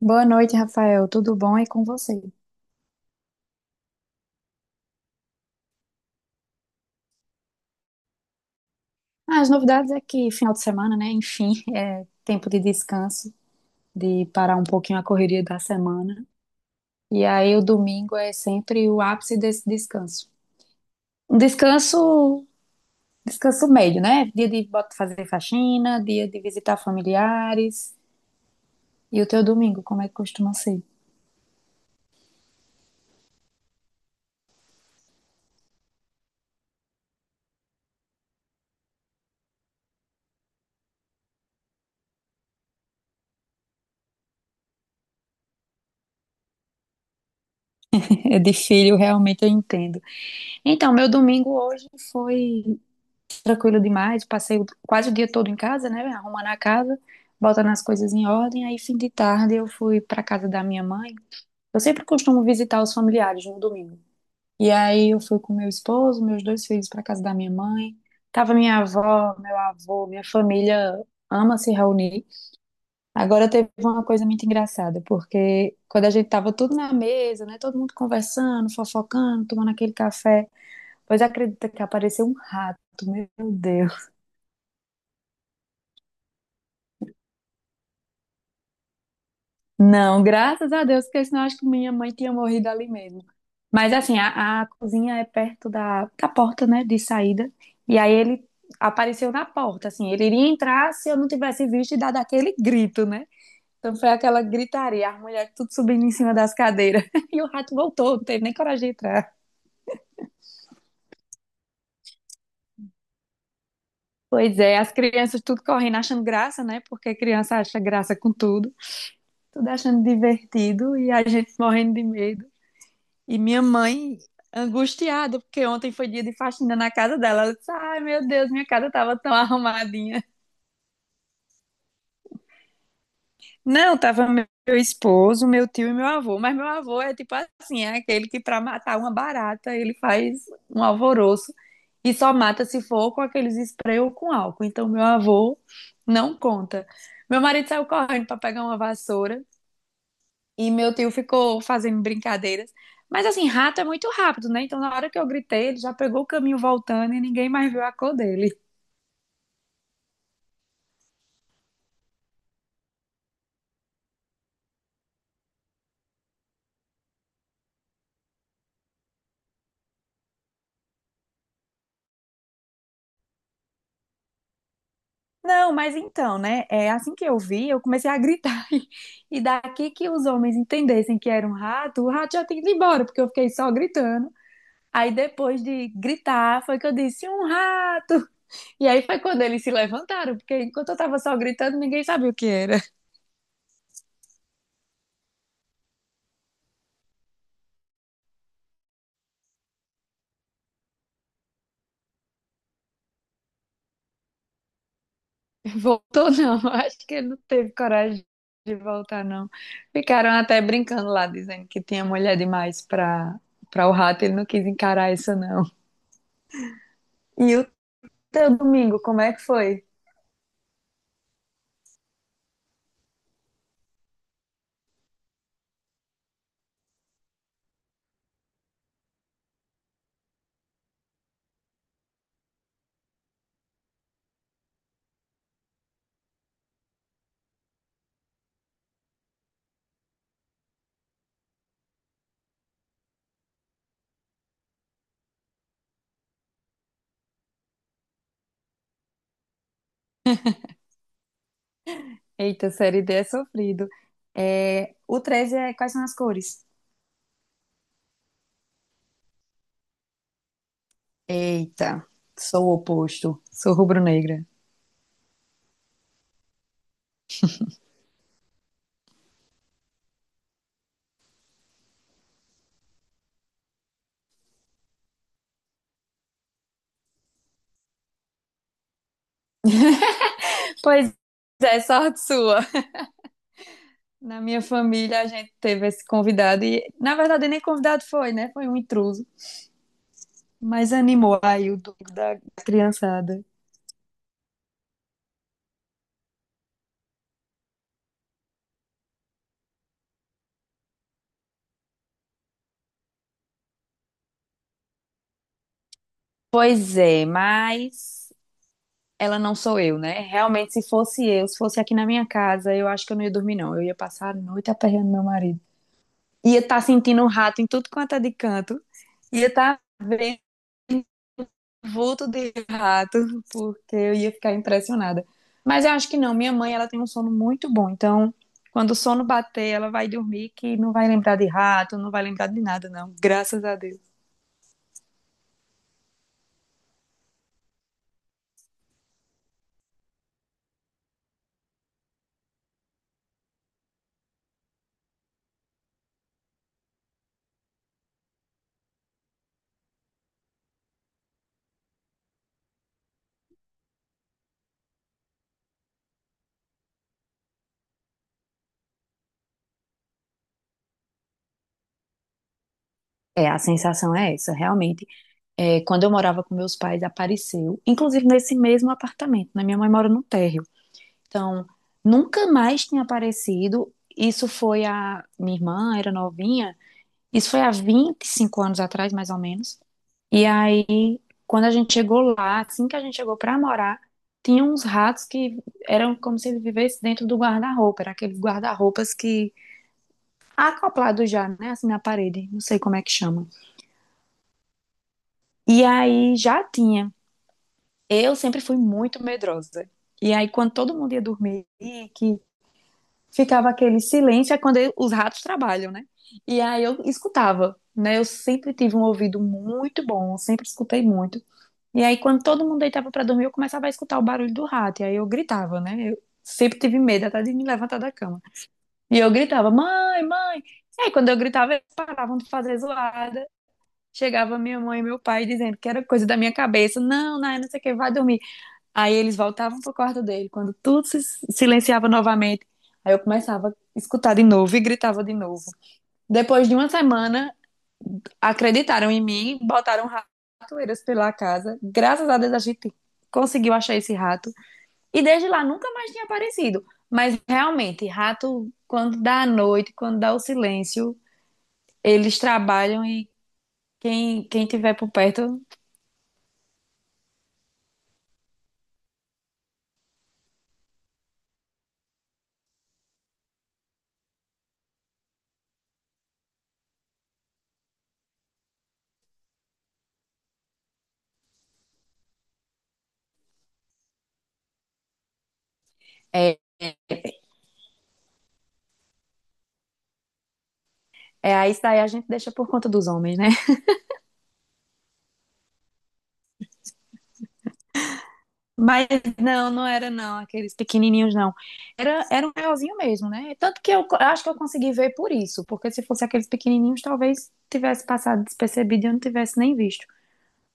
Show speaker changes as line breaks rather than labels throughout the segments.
Boa noite, Rafael. Tudo bom e com você? Ah, as novidades é que final de semana, né? Enfim, é tempo de descanso, de parar um pouquinho a correria da semana. E aí o domingo é sempre o ápice desse descanso. Um descanso, descanso médio, né? Dia de fazer faxina, dia de visitar familiares. E o teu domingo, como é que costuma ser? É de filho, realmente eu entendo. Então, meu domingo hoje foi tranquilo demais. Quase o dia todo em casa, né? Arrumando a casa, botando as coisas em ordem. Aí, fim de tarde, eu fui para casa da minha mãe. Eu sempre costumo visitar os familiares no domingo. E aí, eu fui com meu esposo, meus dois filhos para casa da minha mãe. Tava minha avó, meu avô, minha família ama se reunir. Agora teve uma coisa muito engraçada, porque quando a gente tava tudo na mesa, né, todo mundo conversando, fofocando, tomando aquele café, pois acredita que apareceu um rato, meu Deus. Não, graças a Deus, porque senão eu acho que minha mãe tinha morrido ali mesmo. Mas assim, a cozinha é perto da porta, né, de saída. E aí ele apareceu na porta, assim, ele iria entrar se eu não tivesse visto e dado aquele grito, né? Então foi aquela gritaria, as mulheres tudo subindo em cima das cadeiras. E o rato voltou, não teve nem coragem de entrar. Pois é, as crianças tudo correndo, achando graça, né? Porque criança acha graça com tudo, tudo achando divertido e a gente morrendo de medo. E minha mãe angustiada, porque ontem foi dia de faxina na casa dela. Ela disse: Ai, meu Deus, minha casa tava tão arrumadinha. Não, tava meu esposo, meu tio e meu avô. Mas meu avô é tipo assim: é aquele que pra matar uma barata, ele faz um alvoroço e só mata se for com aqueles spray ou com álcool. Então meu avô não conta. Meu marido saiu correndo pra pegar uma vassoura. E meu tio ficou fazendo brincadeiras. Mas assim, rato é muito rápido, né? Então, na hora que eu gritei, ele já pegou o caminho voltando e ninguém mais viu a cor dele. Não, mas então, né? É assim que eu vi, eu comecei a gritar. E daqui que os homens entendessem que era um rato, o rato já tinha ido embora, porque eu fiquei só gritando. Aí depois de gritar, foi que eu disse um rato. E aí foi quando eles se levantaram, porque enquanto eu tava só gritando, ninguém sabia o que era. Voltou não, acho que ele não teve coragem de voltar não. Ficaram até brincando lá, dizendo que tinha mulher demais pra o rato, ele não quis encarar isso não. E o teu domingo, como é que foi? Eita, série D é sofrido. É, o 13 é quais são as cores? Eita, sou o oposto, sou rubro-negra. Pois é, sorte sua. Na minha família a gente teve esse convidado e, na verdade, nem convidado foi, né? Foi um intruso. Mas animou aí o domingo da criançada. Pois é, mas ela não sou eu, né? Realmente, se fosse eu, se fosse aqui na minha casa, eu acho que eu não ia dormir, não. Eu ia passar a noite aperreando meu marido. Ia estar sentindo um rato em tudo quanto é de canto. Ia estar vendo vulto de rato, porque eu ia ficar impressionada. Mas eu acho que não. Minha mãe, ela tem um sono muito bom. Então, quando o sono bater, ela vai dormir que não vai lembrar de rato, não vai lembrar de nada, não. Graças a Deus. É, a sensação é essa, realmente. É, quando eu morava com meus pais, apareceu, inclusive nesse mesmo apartamento, né? Minha mãe mora no térreo. Então, nunca mais tinha aparecido. Isso foi a. Minha irmã era novinha, isso foi há 25 anos atrás, mais ou menos. E aí, quando a gente chegou lá, assim que a gente chegou para morar, tinha uns ratos que eram como se ele vivesse dentro do guarda-roupa, era aqueles guarda-roupas que acoplado já, né, assim na parede, não sei como é que chama. E aí já tinha Eu sempre fui muito medrosa. E aí, quando todo mundo ia dormir, que ficava aquele silêncio, é os ratos trabalham, né? E aí eu escutava, né? Eu sempre tive um ouvido muito bom, sempre escutei muito. E aí, quando todo mundo deitava pra dormir, eu começava a escutar o barulho do rato. E aí eu gritava, né? Eu sempre tive medo até de me levantar da cama. E eu gritava, mãe, mãe. E aí, quando eu gritava, eles paravam de fazer zoada. Chegava minha mãe e meu pai dizendo que era coisa da minha cabeça. Não, não, não sei o que, vai dormir. Aí eles voltavam pro quarto dele, quando tudo se silenciava novamente, aí eu começava a escutar de novo e gritava de novo. Depois de uma semana, acreditaram em mim, botaram ratoeiras pela casa. Graças a Deus a gente conseguiu achar esse rato. E desde lá nunca mais tinha aparecido. Mas realmente, rato, quando dá a noite, quando dá o silêncio, eles trabalham e quem tiver por perto é, é aí isso daí a gente deixa por conta dos homens, né? Mas não era não, aqueles pequenininhos não. Era um maiorzinho mesmo, né? Tanto que eu acho que eu consegui ver por isso, porque se fosse aqueles pequenininhos, talvez tivesse passado despercebido e eu não tivesse nem visto.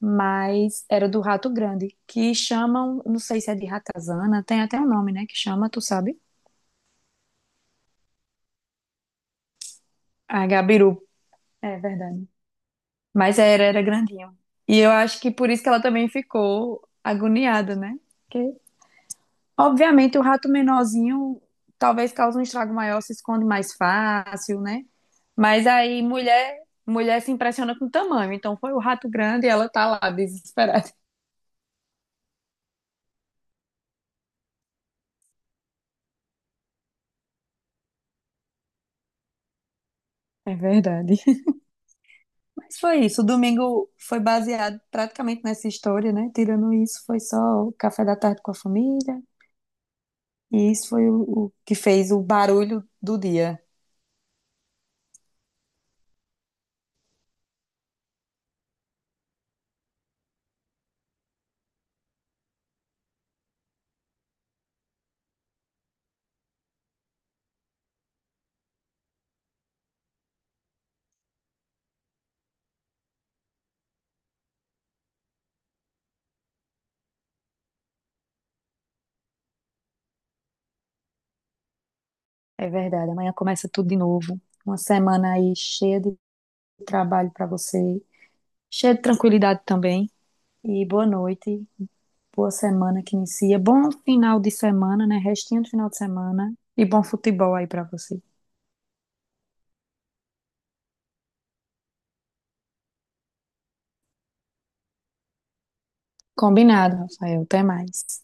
Mas era do rato grande, que chamam, não sei se é de ratazana, tem até um nome, né? Que chama, tu sabe? Ah, gabiru. É verdade. Mas era grandinho. E eu acho que por isso que ela também ficou agoniada, né? Obviamente, o rato menorzinho talvez cause um estrago maior, se esconde mais fácil, né? Mas aí mulher, mulher se impressiona com o tamanho. Então foi o rato grande e ela tá lá desesperada. É verdade. Mas foi isso. O domingo foi baseado praticamente nessa história, né? Tirando isso, foi só o café da tarde com a família. E isso foi o que fez o barulho do dia. É verdade. Amanhã começa tudo de novo. Uma semana aí cheia de trabalho pra você, cheia de tranquilidade também. E boa noite, boa semana que inicia, bom final de semana, né? Restinho do final de semana e bom futebol aí pra você. Combinado, Rafael. Até mais.